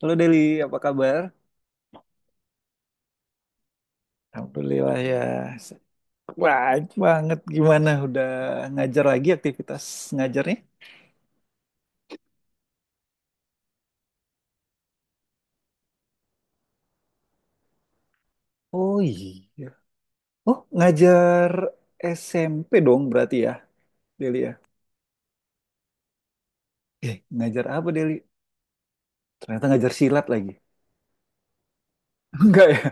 Halo Deli, apa kabar? Alhamdulillah ya. Baik banget gimana udah ngajar lagi aktivitas ngajarnya? Oh iya. Oh, ngajar SMP dong berarti ya, Deli ya. Eh, ngajar apa Deli? Ternyata ngajar silat lagi. Enggak ya?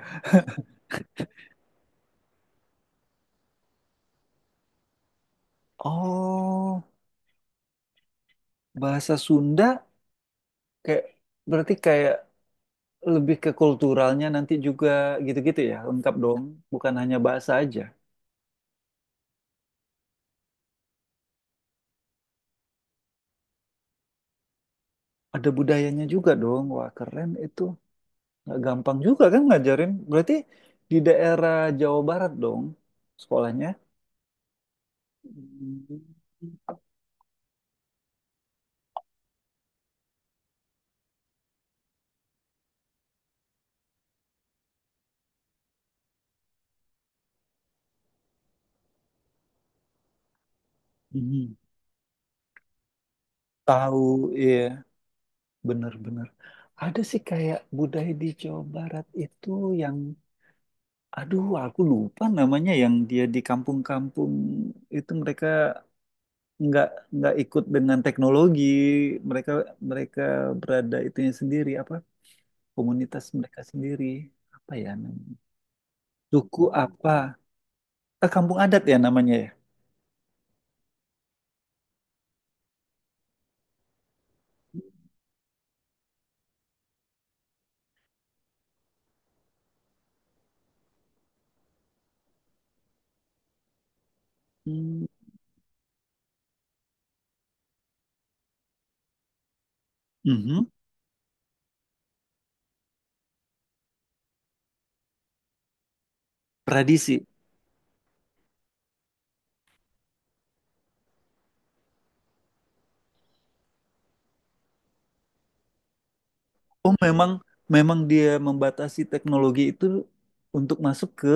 Oh, bahasa Sunda kayak berarti kayak lebih ke kulturalnya nanti juga gitu-gitu ya, lengkap dong. Bukan hanya bahasa aja. Ada budayanya juga dong. Wah, keren itu. Nggak gampang juga kan ngajarin. Berarti di daerah Jawa Barat dong sekolahnya. Hmm. Mhm. Tahu, iya, bener-bener. Ada sih kayak budaya di Jawa Barat itu yang, aduh, aku lupa namanya yang dia di kampung-kampung itu mereka nggak nggak ikut dengan teknologi, mereka mereka berada itunya sendiri apa komunitas mereka sendiri apa ya namanya? Suku apa? Ah, kampung adat ya namanya, ya? Hmm, mhm. Tradisi. Oh, memang memang dia membatasi teknologi itu untuk masuk ke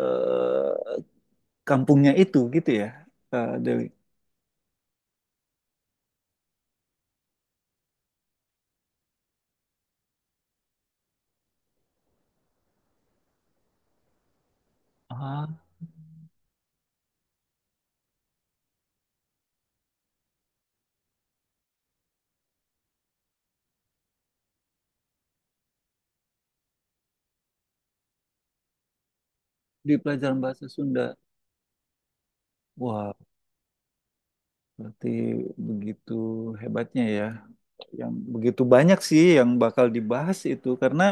eh, kampungnya itu gitu ya, Kak Dewi. Ah, di pelajaran bahasa Sunda. Wah, berarti begitu hebatnya ya. Yang begitu banyak sih yang bakal dibahas itu karena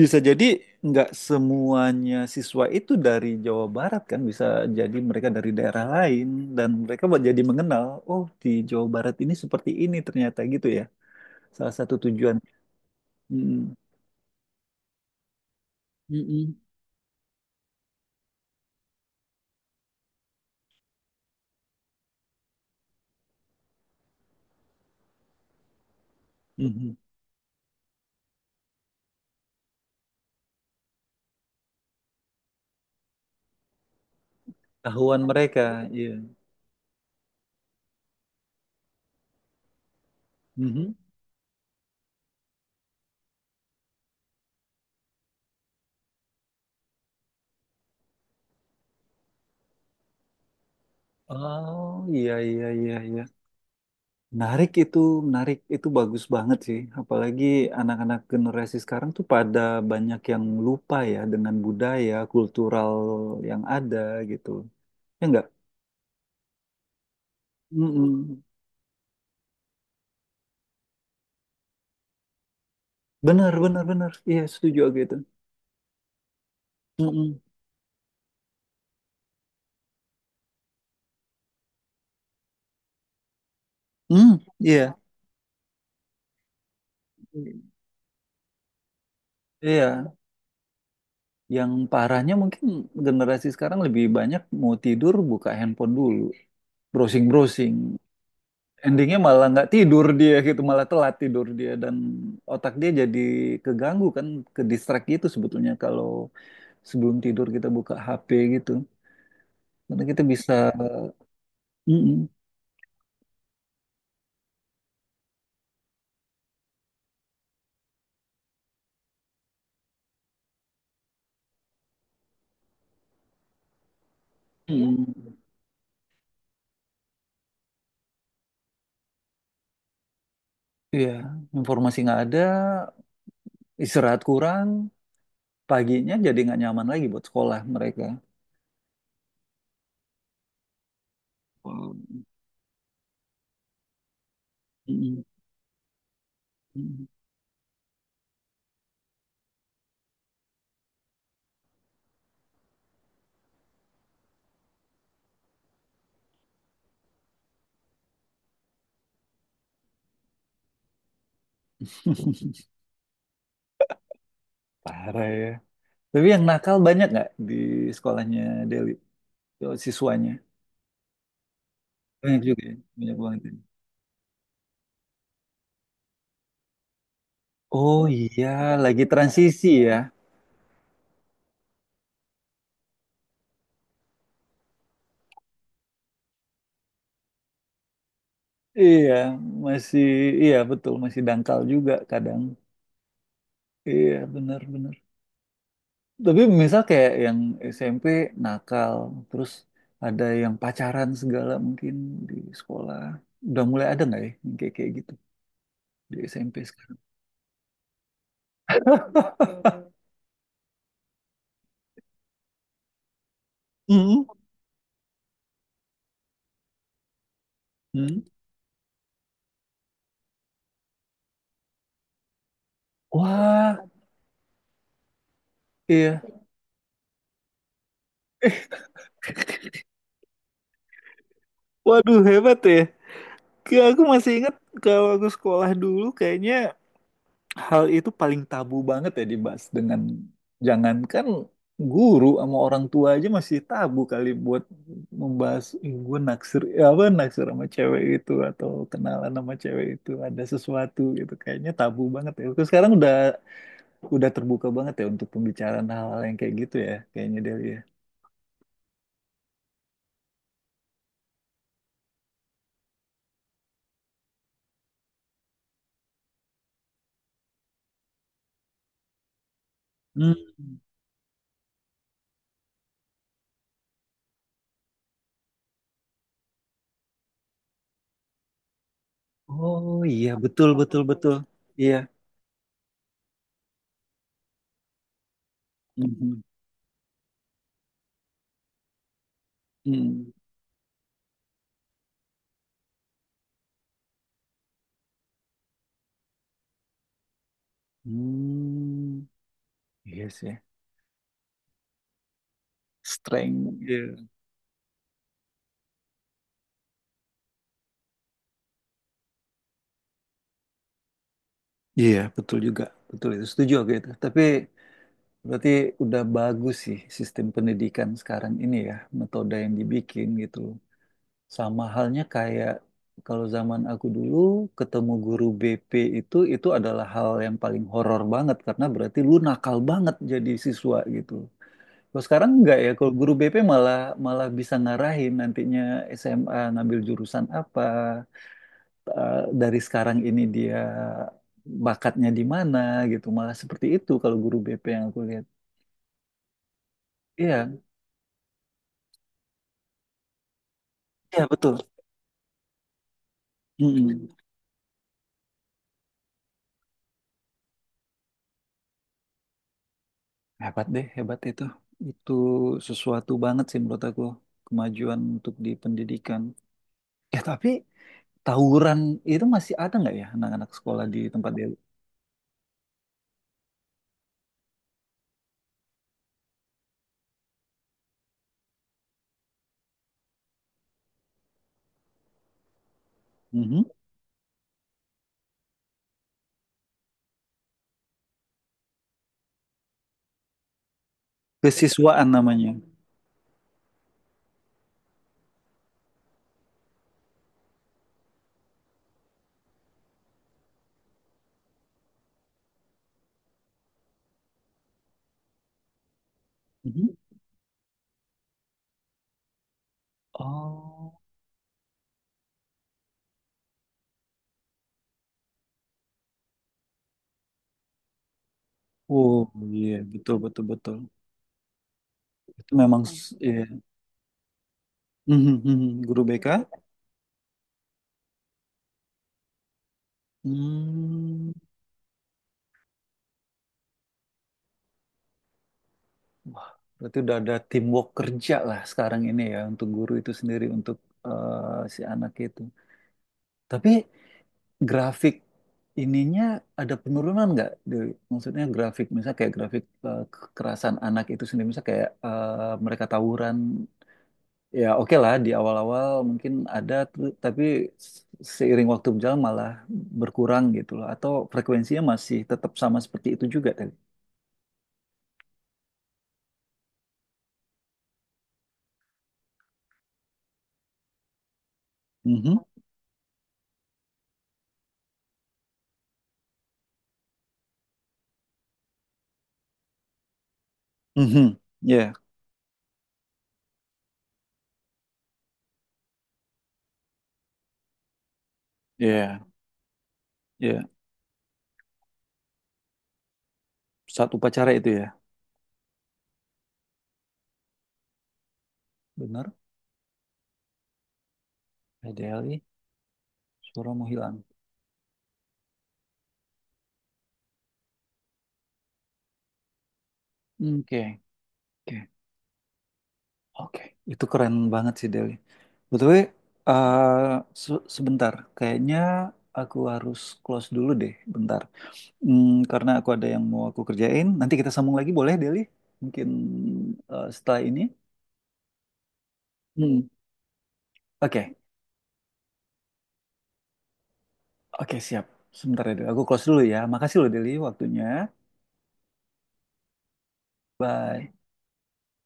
bisa jadi nggak semuanya siswa itu dari Jawa Barat kan, bisa jadi mereka dari daerah lain dan mereka buat jadi mengenal, oh di Jawa Barat ini seperti ini ternyata gitu ya. Salah satu tujuan. mm, Mm-mm. Mhm. Tahuan mereka, iya. Mhm. Oh iya iya iya iya. Menarik itu, menarik itu bagus banget sih. Apalagi anak-anak generasi sekarang tuh pada banyak yang lupa ya dengan budaya kultural yang ada gitu. Ya enggak? Mm-mm. Benar, benar, benar. Iya, setuju aku itu. Mm-mm. Mm, iya, iya. Yang parahnya mungkin generasi sekarang lebih banyak mau tidur buka handphone dulu, browsing-browsing. Endingnya malah nggak tidur dia gitu, malah telat tidur dia dan otak dia jadi keganggu kan, ke distract gitu sebetulnya kalau sebelum tidur kita buka HP gitu. Karena kita bisa, Mm-mm. Mm-mm. Iya, informasi nggak ada, istirahat kurang, paginya jadi nggak nyaman lagi buat sekolah mereka. Wow. Mm-mm. Parah ya. Tapi yang nakal banyak nggak di sekolahnya Deli? Oh, siswanya? Banyak juga ya? Banyak banget, ya? Oh iya, lagi transisi ya. Iya, masih, iya betul, masih dangkal juga kadang. Iya, benar-benar. Tapi misal kayak yang SMP nakal, terus ada yang pacaran segala mungkin di sekolah. Udah mulai ada nggak ya yang kayak kayak gitu di SMP sekarang? Mm-mm. Mm. Wah, iya. Waduh, hebat ya. Kayak aku masih ingat kalau aku sekolah dulu kayaknya hal itu paling tabu banget ya dibahas dengan jangankan guru sama orang tua aja masih tabu kali buat membahas "Ih, gue naksir ya apa naksir sama cewek itu atau kenalan sama cewek itu ada sesuatu gitu kayaknya tabu banget ya. Terus sekarang udah terbuka banget ya untuk pembicaraan hal-hal yang kayak gitu ya kayaknya Delia. Hmm. Oh iya, betul betul betul. Iya. Mhm. Mhm. Hmm. Iya sih. Strength. Iya. Iya, betul juga. Betul itu. Setuju aku itu. Tapi berarti udah bagus sih sistem pendidikan sekarang ini ya, metode yang dibikin gitu. Sama halnya kayak kalau zaman aku dulu ketemu guru BP itu adalah hal yang paling horor banget karena berarti lu nakal banget jadi siswa gitu. Kalau sekarang enggak ya, kalau guru BP malah malah bisa ngarahin nantinya SMA ngambil jurusan apa, eh, dari sekarang ini dia bakatnya di mana gitu, malah seperti itu kalau guru BP yang aku lihat. Iya, iya betul. Mm-mm. Hebat deh, hebat itu. Itu sesuatu banget sih menurut aku kemajuan untuk di pendidikan. Ya tapi tawuran itu masih ada nggak ya anak-anak sekolah di tempat dia? Mhm. Kesiswaan namanya. Mhm. Oh. Oh iya, betul betul betul itu memang. Nah, iya. Mhm, mhm. Guru BK guru hmm. Wah berarti udah ada teamwork kerja lah sekarang ini ya untuk guru itu sendiri untuk si anak itu tapi grafik ininya ada penurunan nggak Dewi? Maksudnya grafik misalnya kayak grafik kekerasan anak itu sendiri misalnya kayak mereka tawuran. Ya oke lah di awal-awal mungkin ada tapi seiring waktu berjalan malah berkurang gitu loh atau frekuensinya masih tetap sama seperti itu juga tadi. Mhm. Mhm. Ya, ya, ya. Saat upacara itu ya. Benar. PDLI suara mau hilang. Oke, oke. Oke. Itu keren banget sih Deli. Betul sebentar kayaknya aku harus close dulu deh bentar. Hmm, karena aku ada yang mau aku kerjain, nanti kita sambung lagi boleh, Deli? Mungkin setelah ini. Hmm. Oke, oke siap. Sebentar ya, Deli. Aku close dulu ya. Makasih loh, Deli, waktunya. Bye.